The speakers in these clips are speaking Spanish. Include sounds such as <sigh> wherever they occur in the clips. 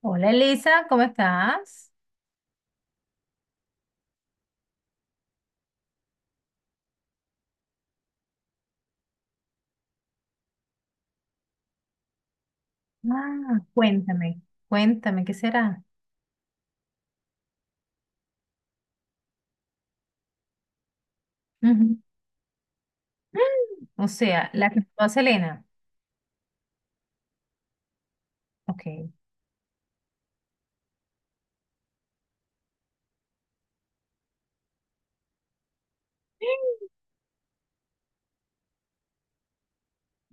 Hola, Elisa, ¿cómo estás? Ah, cuéntame, cuéntame, ¿qué será? Ujú. <gasps> O sea, la que mató a Selena. Ok.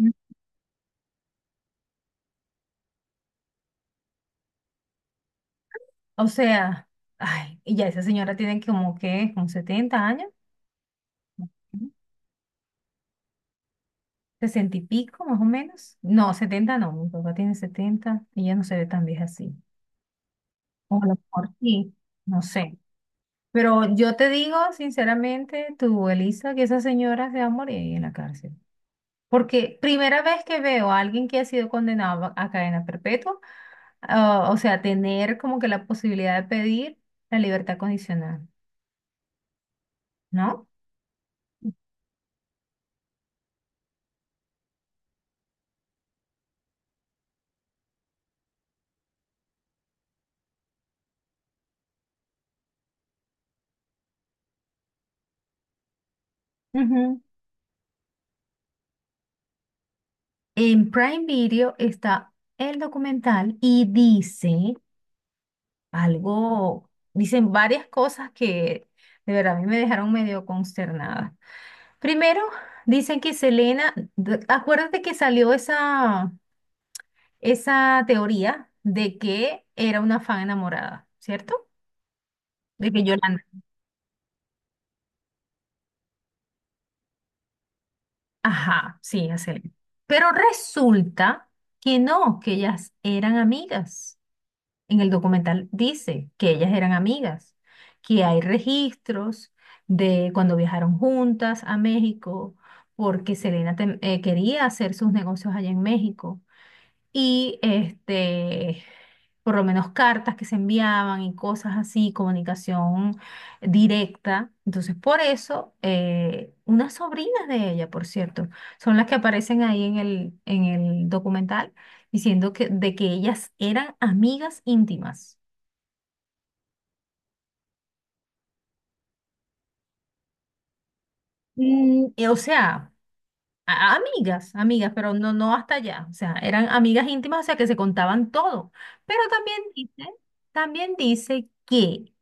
Mm. O sea, ay, y ya esa señora tiene como que, como 70 años. Ujú. 60 y pico más o menos. No, 70, no, mi papá tiene setenta y ella no se ve tan vieja así. O a lo mejor sí, no sé. Pero yo te digo, sinceramente, tú, Elisa, que esa señora se va a morir ahí en la cárcel. Porque primera vez que veo a alguien que ha sido condenado a cadena perpetua, ah, o sea, tener como que la posibilidad de pedir la libertad condicional, no. Ujú. En Prime Video está el documental y dice algo, dicen varias cosas que de verdad a mí me dejaron medio consternada. Primero, dicen que Selena, acuérdate que salió esa, esa teoría de que era una fan enamorada, ¿cierto? De que Yolanda, ajá, sí, hace. Pero resulta que no, que ellas eran amigas. En el documental dice que ellas eran amigas, que hay registros de cuando viajaron juntas a México, porque Selena quería hacer sus negocios allá en México. Y este, por lo menos cartas que se enviaban y cosas así, comunicación directa. Entonces, por eso, unas sobrinas de ella, por cierto, son las que aparecen ahí en el documental diciendo que, de que ellas eran amigas íntimas. Mm, o sea, amigas, amigas, pero no, no hasta allá. O sea, eran amigas íntimas, o sea, que se contaban todo. Pero también dice que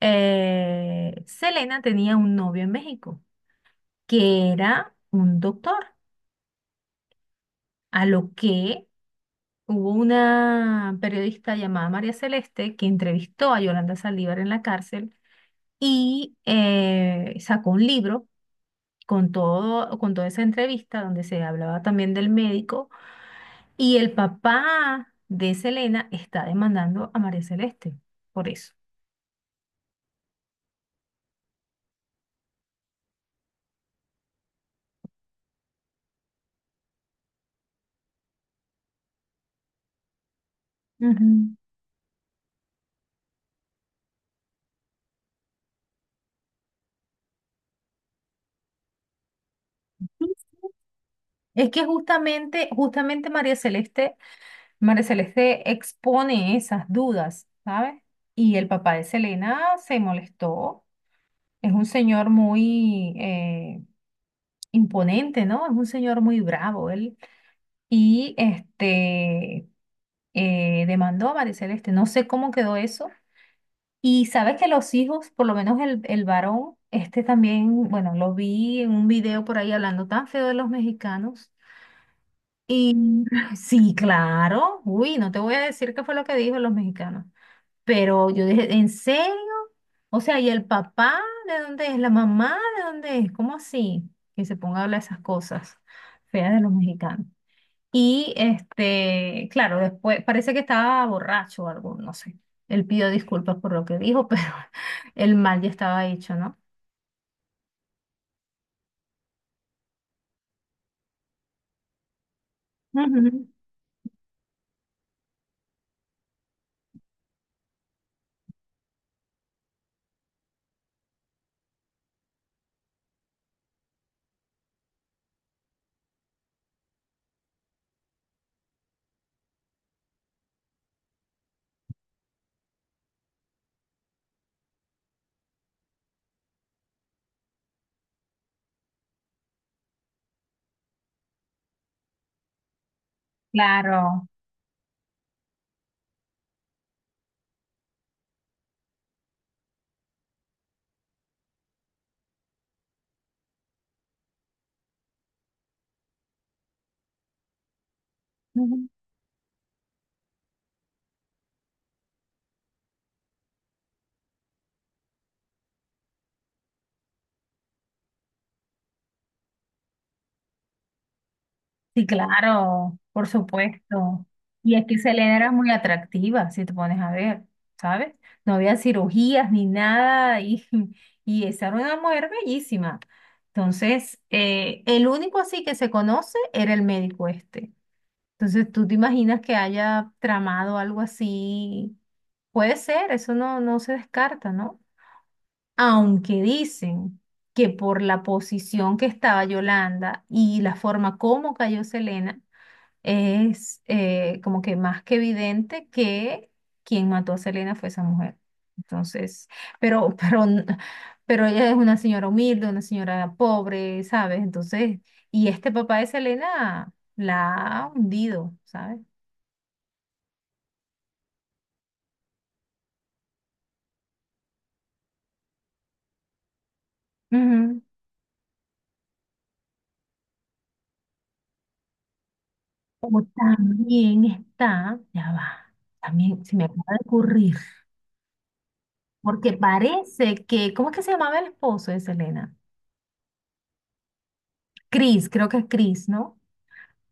Selena tenía un novio en México que era un doctor, a lo que hubo una periodista llamada María Celeste que entrevistó a Yolanda Saldívar en la cárcel y sacó un libro con todo, con toda esa entrevista donde se hablaba también del médico, y el papá de Selena está demandando a María Celeste por eso. Ujú. Es que justamente, justamente María Celeste, María Celeste expone esas dudas, ¿sabes? Y el papá de Selena se molestó. Es un señor muy imponente, ¿no? Es un señor muy bravo él. Y este, demandó a María Celeste. No sé cómo quedó eso. Y sabes que los hijos, por lo menos el varón, este también, bueno, lo vi en un video por ahí hablando tan feo de los mexicanos. Y <laughs> sí, claro. Uy, no te voy a decir qué fue lo que dijo los mexicanos. Pero yo dije, ¿en serio? O sea, ¿y el papá de dónde es? ¿La mamá de dónde es? ¿Cómo así? Que se ponga a hablar esas cosas feas de los mexicanos. Y este, claro, después parece que estaba borracho o algo, no sé. Él pidió disculpas por lo que dijo, pero <laughs> el mal ya estaba hecho, ¿no? Ujú. Claro. Sí, claro, por supuesto. Y es que Selena era muy atractiva, si te pones a ver, ¿sabes? No había cirugías ni nada, y <laughs> y esa era una mujer bellísima. Entonces, el único así que se conoce era el médico este. Entonces, ¿tú te imaginas que haya tramado algo así? Puede ser, eso no, no se descarta, ¿no? Aunque dicen que por la posición que estaba Yolanda y la forma como cayó Selena, es como que más que evidente que quien mató a Selena fue esa mujer. Entonces, pero <laughs> pero, pero ella es una señora humilde, una señora pobre, ¿sabes? Entonces, y este papá de Selena la ha hundido, ¿sabes? Ujú. Como también está, ya va, también se me acaba de ocurrir, porque parece que, ¿cómo es que se llamaba el esposo de Selena? Chris, creo que es Chris, ¿no?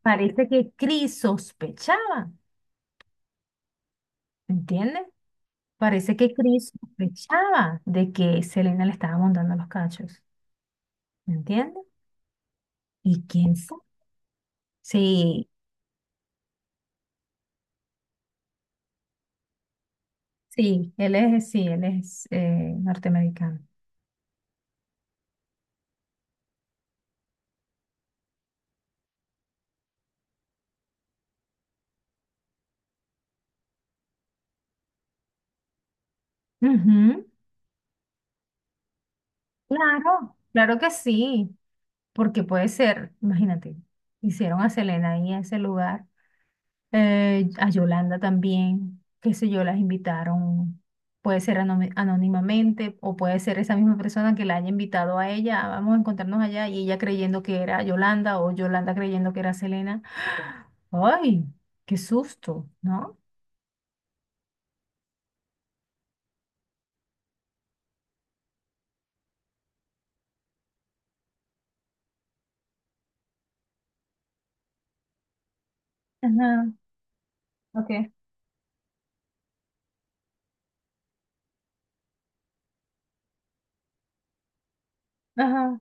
Parece que Chris sospechaba. ¿Entiendes? Parece que Chris sospechaba de que Selena le estaba montando los cachos. ¿Entiendes? ¿Y quién sabe? Sí, sí, él es norteamericano. Ujú. Claro, claro que sí, porque puede ser, imagínate, hicieron a Selena ahí en ese lugar, a Yolanda también, qué sé yo, las invitaron, puede ser anónimamente, o puede ser esa misma persona que la haya invitado a ella, "Ah, vamos a encontrarnos allá", y ella creyendo que era Yolanda o Yolanda creyendo que era Selena. ¡Ay, qué susto! ¿No? Ajá, ok. Ajá.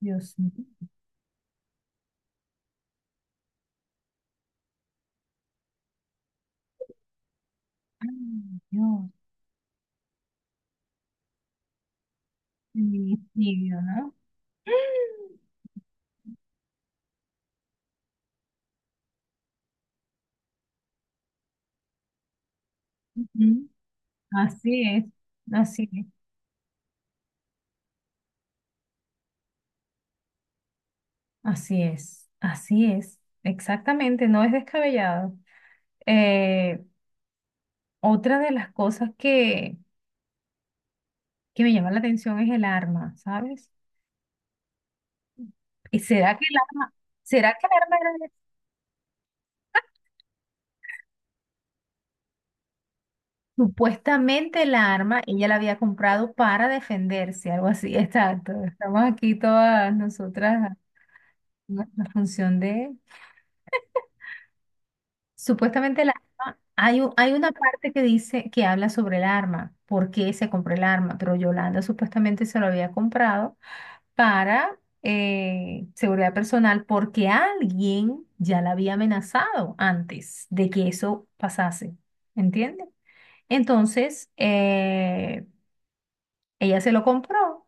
Dios mío. Ay, Dios, feminicidio, ¿no? Ujú. Así es, así es, así es, así es. Exactamente, no es descabellado. Eh, Otra de las cosas que me llama la atención es el arma, ¿sabes? ¿Y será que el arma, será que el arma era supuestamente la arma ella la había comprado para defenderse, algo así? <laughs> Exacto. Estamos aquí todas nosotras en la función de supuestamente el arma. Hay, hay una parte que dice que habla sobre el arma, por qué se compró el arma, pero Yolanda supuestamente se lo había comprado para seguridad personal, porque alguien ya la había amenazado antes de que eso pasase, ¿entiende? Entonces, ella se lo compró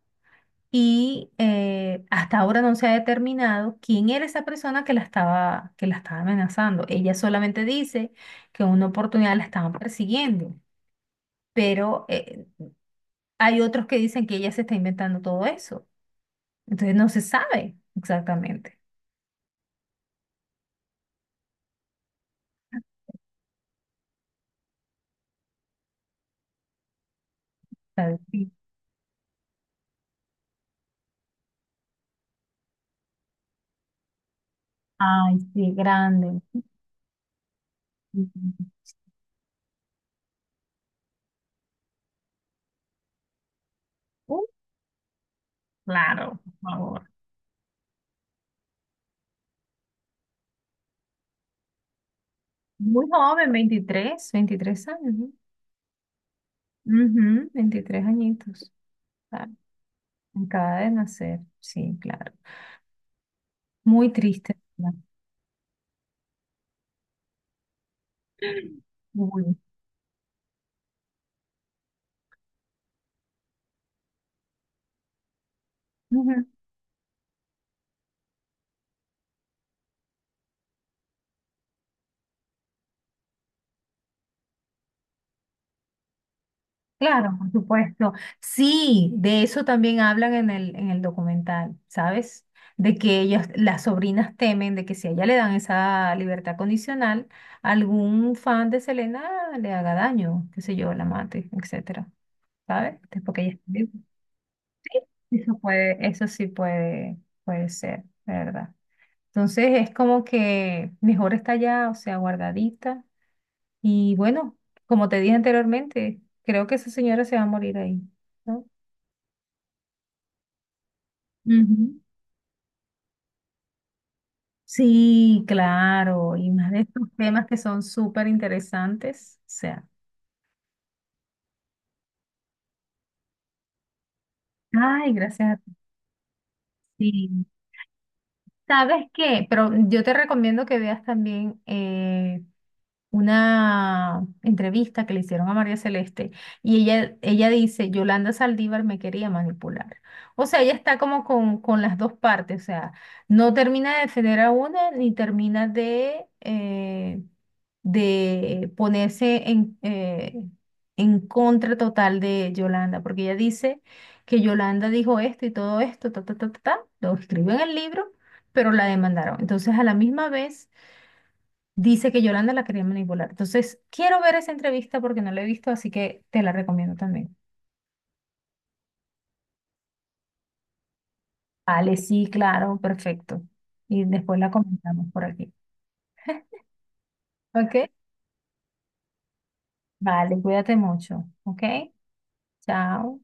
y hasta ahora no se ha determinado quién era esa persona que la estaba amenazando. Ella solamente dice que en una oportunidad la estaban persiguiendo, pero hay otros que dicen que ella se está inventando todo eso. Entonces no se sabe exactamente. ¿Sabes? Ay, sí, grande. Ujú. Uh, Claro, por favor. Muy joven, veintitrés, veintitrés años, ¿no? Ujú, 23 añitos. Claro, acaba de nacer, sí, claro. Muy triste, ¿verdad? Muy. Ujú. Claro, por supuesto. Sí, de eso también hablan en el documental, ¿sabes? De que ellas, las sobrinas temen de que si a ella le dan esa libertad condicional, algún fan de Selena le haga daño, qué sé yo, la mate, etcétera. ¿Sabes? Este, porque ella esté. Eso puede, eso sí puede, puede ser, ¿verdad? Entonces es como que mejor está ya, o sea, guardadita. Y bueno, como te dije anteriormente, creo que esa señora se va a morir ahí, ¿no? Ujú. Sí, claro, y más de estos temas que son súper interesantes, o sea, ay, gracias a ti. Sí. ¿Sabes qué? Pero yo te recomiendo que veas también una entrevista que le hicieron a María Celeste, y ella dice, Yolanda Saldívar me quería manipular. O sea, ella está como con las dos partes, o sea, no termina de defender a una ni termina de ponerse en contra total de Yolanda, porque ella dice que Yolanda dijo esto y todo esto, ta, ta, ta, ta, ta, lo escribió en el libro, pero la demandaron. Entonces, a la misma vez dice que Yolanda la quería manipular. Entonces, quiero ver esa entrevista porque no la he visto, así que te la recomiendo también. Vale, sí, claro, perfecto. Y después la comentamos por aquí. ¿Ok? Vale, cuídate mucho. ¿Ok? Chao.